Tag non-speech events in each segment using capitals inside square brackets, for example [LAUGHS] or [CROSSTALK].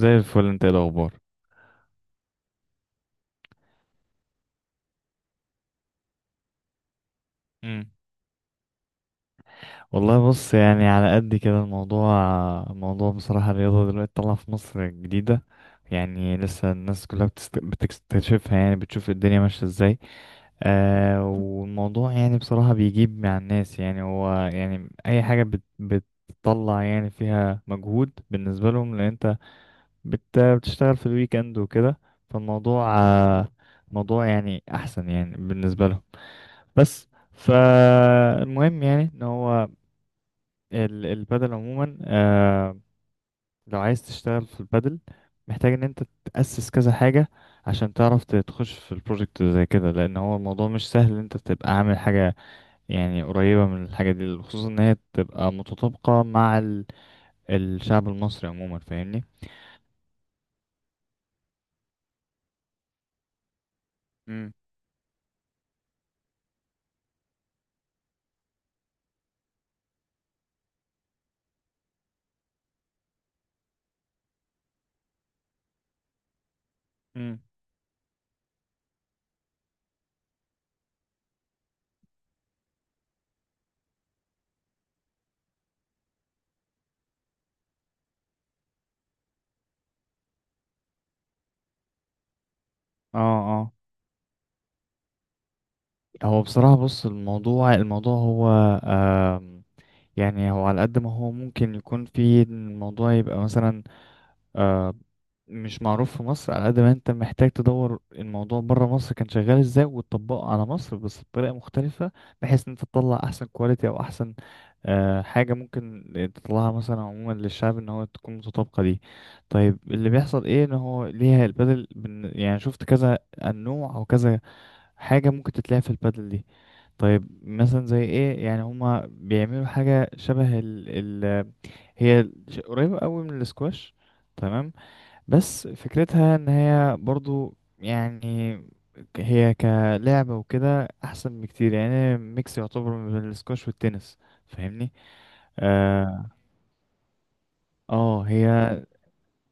زي الفل، انت ايه الاخبار؟ امم والله بص، يعني على قد كده الموضوع بصراحة الرياضة دلوقتي طالعة في مصر جديدة. يعني لسه الناس كلها بتكتشفها، يعني بتشوف الدنيا ماشية ازاي. والموضوع يعني بصراحة بيجيب مع الناس، يعني هو يعني أي حاجة بتطلع يعني فيها مجهود بالنسبة لهم، لأن انت بتشتغل في الويك اند وكده. فالموضوع موضوع يعني احسن يعني بالنسبه لهم. بس فالمهم يعني ان هو البدل عموما. لو عايز تشتغل في البدل محتاج ان انت تأسس كذا حاجه، عشان تعرف تخش في البروجكت زي كده، لان هو الموضوع مش سهل ان انت تبقى عامل حاجه يعني قريبه من الحاجه دي، خصوصا ان هي تبقى متطابقه مع الشعب المصري عموما، فاهمني؟ امم مم. اه، هو بصراحة بص الموضوع هو آم، يعني هو على قد ما هو ممكن يكون، في إن الموضوع يبقى مثلا آه، مش معروف في مصر، على قد ما انت محتاج تدور الموضوع بره مصر كان شغال ازاي وتطبقه على مصر بس بطريقة مختلفة، بحيث ان انت تطلع احسن كواليتي، او احسن حاجة ممكن تطلعها مثلا عموما للشعب ان هو تكون متطابقة دي. طيب اللي بيحصل ايه؟ ان هو ليها البدل يعني شفت كذا النوع او كذا حاجة ممكن تتلعب في البادل دي. طيب مثلا زي ايه؟ يعني هما بيعملوا حاجة شبه ال هي قريبة قوي من الاسكواش، تمام؟ بس فكرتها ان هي برضو يعني هي كلعبة وكده احسن بكتير، يعني ميكس يعتبر من الاسكواش والتنس، فاهمني؟ اه. هي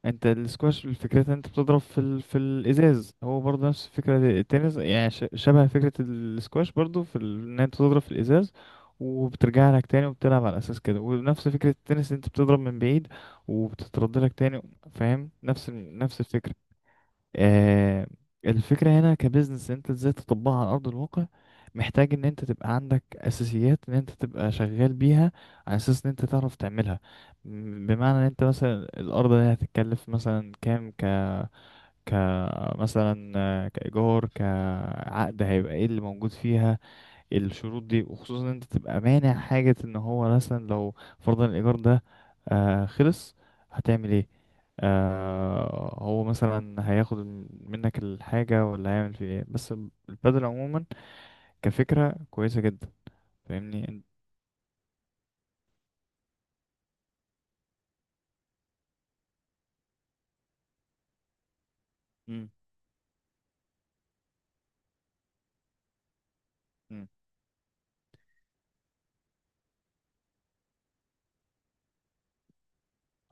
انت السكواش الفكرة ان انت بتضرب في في الازاز، هو برضه نفس فكرة التنس، يعني شبه فكرة السكواش برضه في ان انت تضرب في الازاز وبترجع لك تاني وبتلعب على اساس كده، ونفس فكرة التنس انت بتضرب من بعيد وبتترد لك تاني، فاهم؟ نفس الفكرة. آه، الفكرة هنا كبزنس انت ازاي تطبقها على ارض الواقع؟ محتاج ان انت تبقى عندك اساسيات ان انت تبقى شغال بيها، على اساس ان انت تعرف تعملها. بمعنى ان انت مثلا الارض دي هتتكلف مثلا كام، ك مثلا كايجار كعقد هيبقى ايه اللي موجود فيها، الشروط دي، وخصوصا ان انت تبقى مانع حاجة ان هو مثلا لو فرضا الايجار ده خلص هتعمل ايه؟ هو مثلا هياخد منك الحاجة، ولا هيعمل فيه ايه؟ بس البدل عموما كفكرة كويسة جدا، فاهمني؟ مم.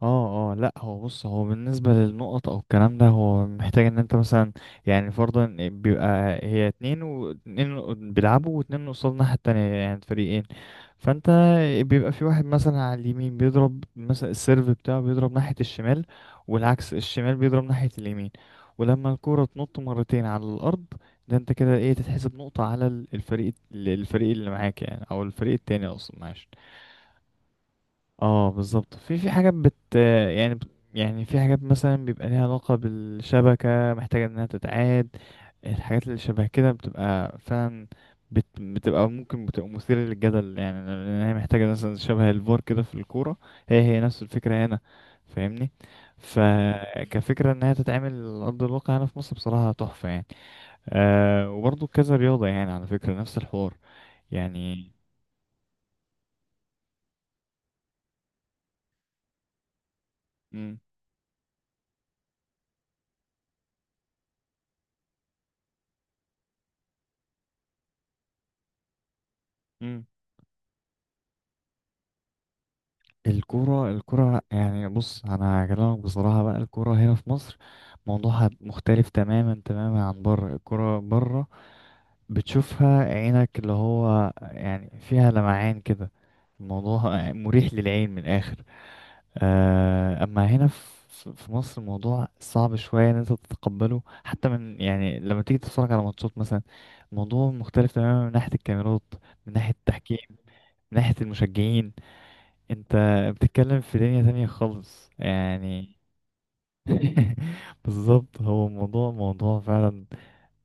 اه اه لا، هو بص هو بالنسبة للنقط او الكلام ده هو محتاج ان انت مثلا، يعني فرضا بيبقى هي اتنين واتنين بيلعبوا، واتنين قصاد الناحية التانية، يعني فريقين. فانت بيبقى في واحد مثلا على اليمين بيضرب مثلا السيرف بتاعه، بيضرب ناحية الشمال، والعكس الشمال بيضرب ناحية اليمين. ولما الكرة تنط مرتين على الارض، ده انت كده ايه، تتحسب نقطة على الفريق اللي معاك يعني، او الفريق التاني اصلا، معلش. اه بالظبط، في حاجات يعني يعني في حاجات مثلا بيبقى ليها علاقة بالشبكة محتاجة انها تتعاد. الحاجات اللي شبه كده بتبقى فعلا بتبقى، ممكن بتبقى مثيرة للجدل، يعني لأن هي محتاجة مثلا شبه الفار كده في الكورة. هي نفس الفكرة هنا، فاهمني؟ فكفكرة إن هي تتعمل على أرض الواقع هنا في مصر بصراحة تحفة يعني. وبرضه كذا رياضة يعني على فكرة نفس الحوار يعني. مم. مم. الكورة يعني بص، أنا هكلمك بصراحة بقى. الكورة هنا في مصر موضوعها مختلف تماما تماما عن بره. الكورة بره بتشوفها عينك، اللي هو يعني فيها لمعان كده، الموضوع [LAUGHS] مريح للعين من الآخر. أما هنا في مصر الموضوع صعب شوية إن أنت تتقبله، حتى من يعني لما تيجي تتفرج على ماتشات مثلا الموضوع مختلف تماما، من ناحية الكاميرات، من ناحية التحكيم، من ناحية المشجعين. انت بتتكلم في دنيا تانية خالص يعني. [LAUGHS] بالظبط، هو موضوع فعلا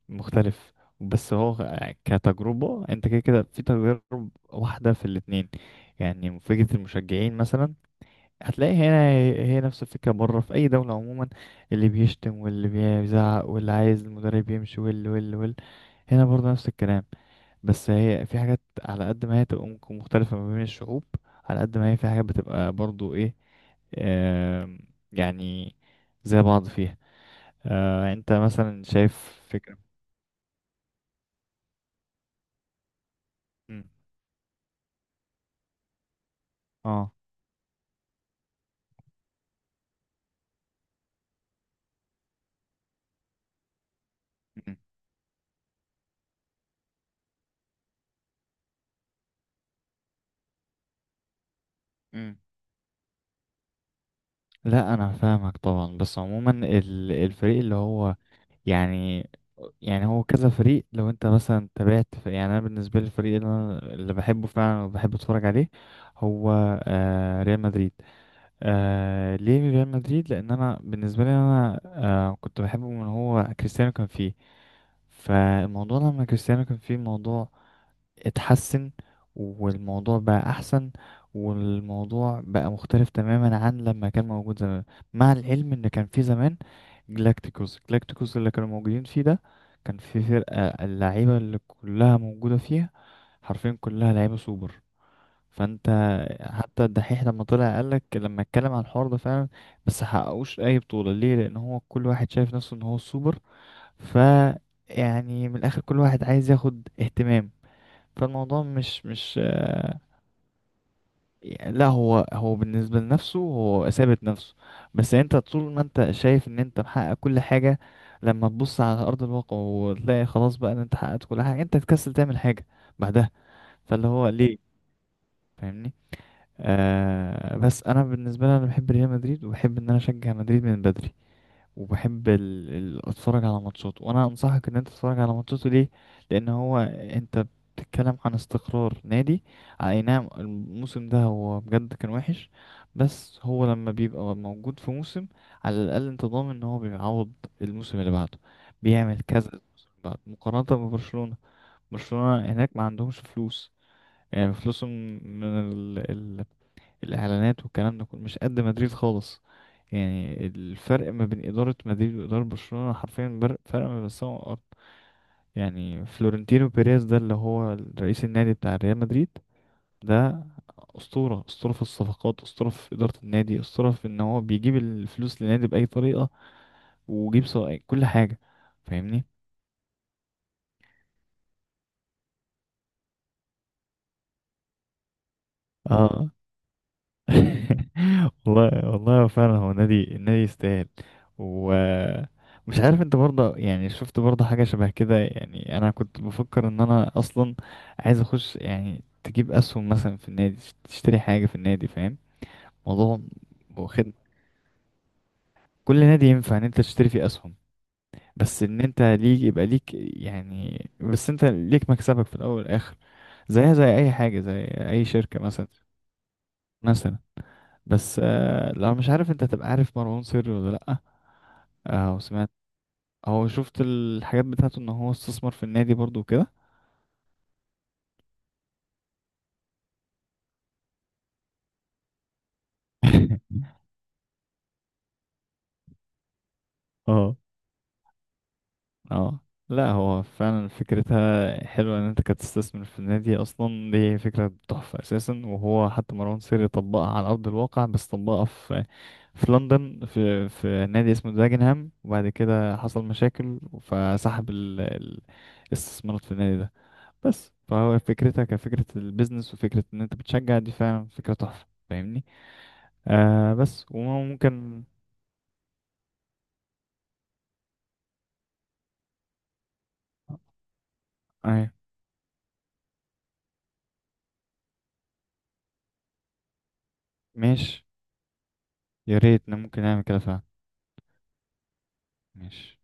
مختلف. بس هو كتجربة انت، كده كده في تجارب واحدة في الاتنين. يعني فكرة المشجعين مثلا، هتلاقي هنا هي نفس الفكرة بره في أي دولة عموما. اللي بيشتم، واللي بيزعق، واللي عايز المدرب يمشي، واللي واللي واللي. هنا برضه نفس الكلام. بس هي في حاجات على قد ما هي تبقى ممكن مختلفة ما بين الشعوب، على قد ما هي في حاجات بتبقى برضو ايه، آم، يعني زي بعض فيها. انت مثلا شايف فكرة. مم. اه. مم. مم. لا انا فاهمك طبعا. بس عموما الفريق اللي هو يعني يعني هو كذا فريق، لو انت مثلا تابعت في يعني. انا بالنسبه لي الفريق اللي انا اللي بحبه فعلا وبحب اتفرج عليه هو ريال مدريد. ليه ريال مدريد؟ لان انا بالنسبه لي انا كنت بحبه من هو كريستيانو كان فيه. فالموضوع لما كريستيانو كان فيه الموضوع اتحسن، والموضوع بقى احسن، والموضوع بقى مختلف تماما عن لما كان موجود زمان. مع العلم ان كان فيه زمان جلاكتيكوس، جلاكتيكوس اللي كانوا موجودين فيه ده كان في فرقه اللعيبه اللي كلها موجوده فيها، حرفيا كلها لعيبه سوبر. فانت حتى الدحيح لما طلع قالك، لما اتكلم عن الحوار ده فعلا، بس حققوش اي بطولة ليه؟ لان هو كل واحد شايف نفسه ان هو السوبر. ف يعني من الاخر كل واحد عايز ياخد اهتمام. فالموضوع مش. لا، هو بالنسبة لنفسه هو ثابت نفسه. بس انت طول ما انت شايف ان انت محقق كل حاجة، لما تبص على ارض الواقع وتلاقي خلاص بقى ان انت حققت كل حاجة، انت تكسل تعمل حاجة بعدها، فاللي هو ليه، فاهمني؟ بس انا بالنسبه لي انا بحب ريال مدريد، وبحب ان انا اشجع مدريد من بدري. وبحب اتفرج على ماتشاته، وانا انصحك ان انت تتفرج على ماتشاته. ليه؟ لان هو انت بتتكلم عن استقرار نادي. اي نعم الموسم ده هو بجد كان وحش، بس هو لما بيبقى موجود في موسم، على الاقل انت ضامن ان هو بيعوض الموسم اللي بعده، بيعمل كذا الموسم اللي بعده مقارنه ببرشلونه. برشلونه هناك ما عندهمش فلوس، يعني فلوسهم من ال... الاعلانات والكلام ده كله مش قد مدريد خالص. يعني الفرق ما بين اداره مدريد واداره برشلونه حرفيا فرق ما بين السماء والارض. يعني فلورنتينو بيريز ده اللي هو رئيس النادي بتاع ريال مدريد، ده اسطوره، اسطوره في الصفقات، اسطوره في اداره النادي، اسطوره في ان هو بيجيب الفلوس للنادي باي طريقه، ويجيب سواء كل حاجه، فاهمني؟ اه. [LAUGHS] والله والله هو فعلا هو نادي يستاهل. ومش عارف انت برضه يعني شفت برضه حاجة شبه كده؟ يعني انا كنت بفكر ان انا اصلا عايز اخش، يعني تجيب اسهم مثلا في النادي، تشتري حاجة في النادي، فاهم موضوع واخد؟ كل نادي ينفع ان انت تشتري فيه اسهم، بس ان انت ليك يبقى ليك يعني، بس انت ليك مكسبك في الاول والاخر، زيها زي اي حاجة، زي اي شركة مثلا، مثلا. بس لا، مش عارف انت تبقى عارف مروان سري ولا لأ؟ وسمعت هو شفت الحاجات بتاعته ان هو استثمر في النادي برضو وكده. [LAUGHS] اه اه، لا هو فعلا فكرتها حلوة ان انت كنت تستثمر في النادي اصلا، دي فكرة تحفة اساسا. وهو حتى مروان سري طبقها على ارض الواقع، بس طبقها في لندن، في نادي اسمه داجنهام، وبعد كده حصل مشاكل فسحب الاستثمارات في النادي ده. بس فهو فكرتها كفكرة البيزنس، وفكرة ان انت بتشجع، دي فعلا فكرة تحفة، فاهمني؟ بس وممكن. آه ماشي، يا ريت إن ممكن نعمل كده فعلا. ماشي.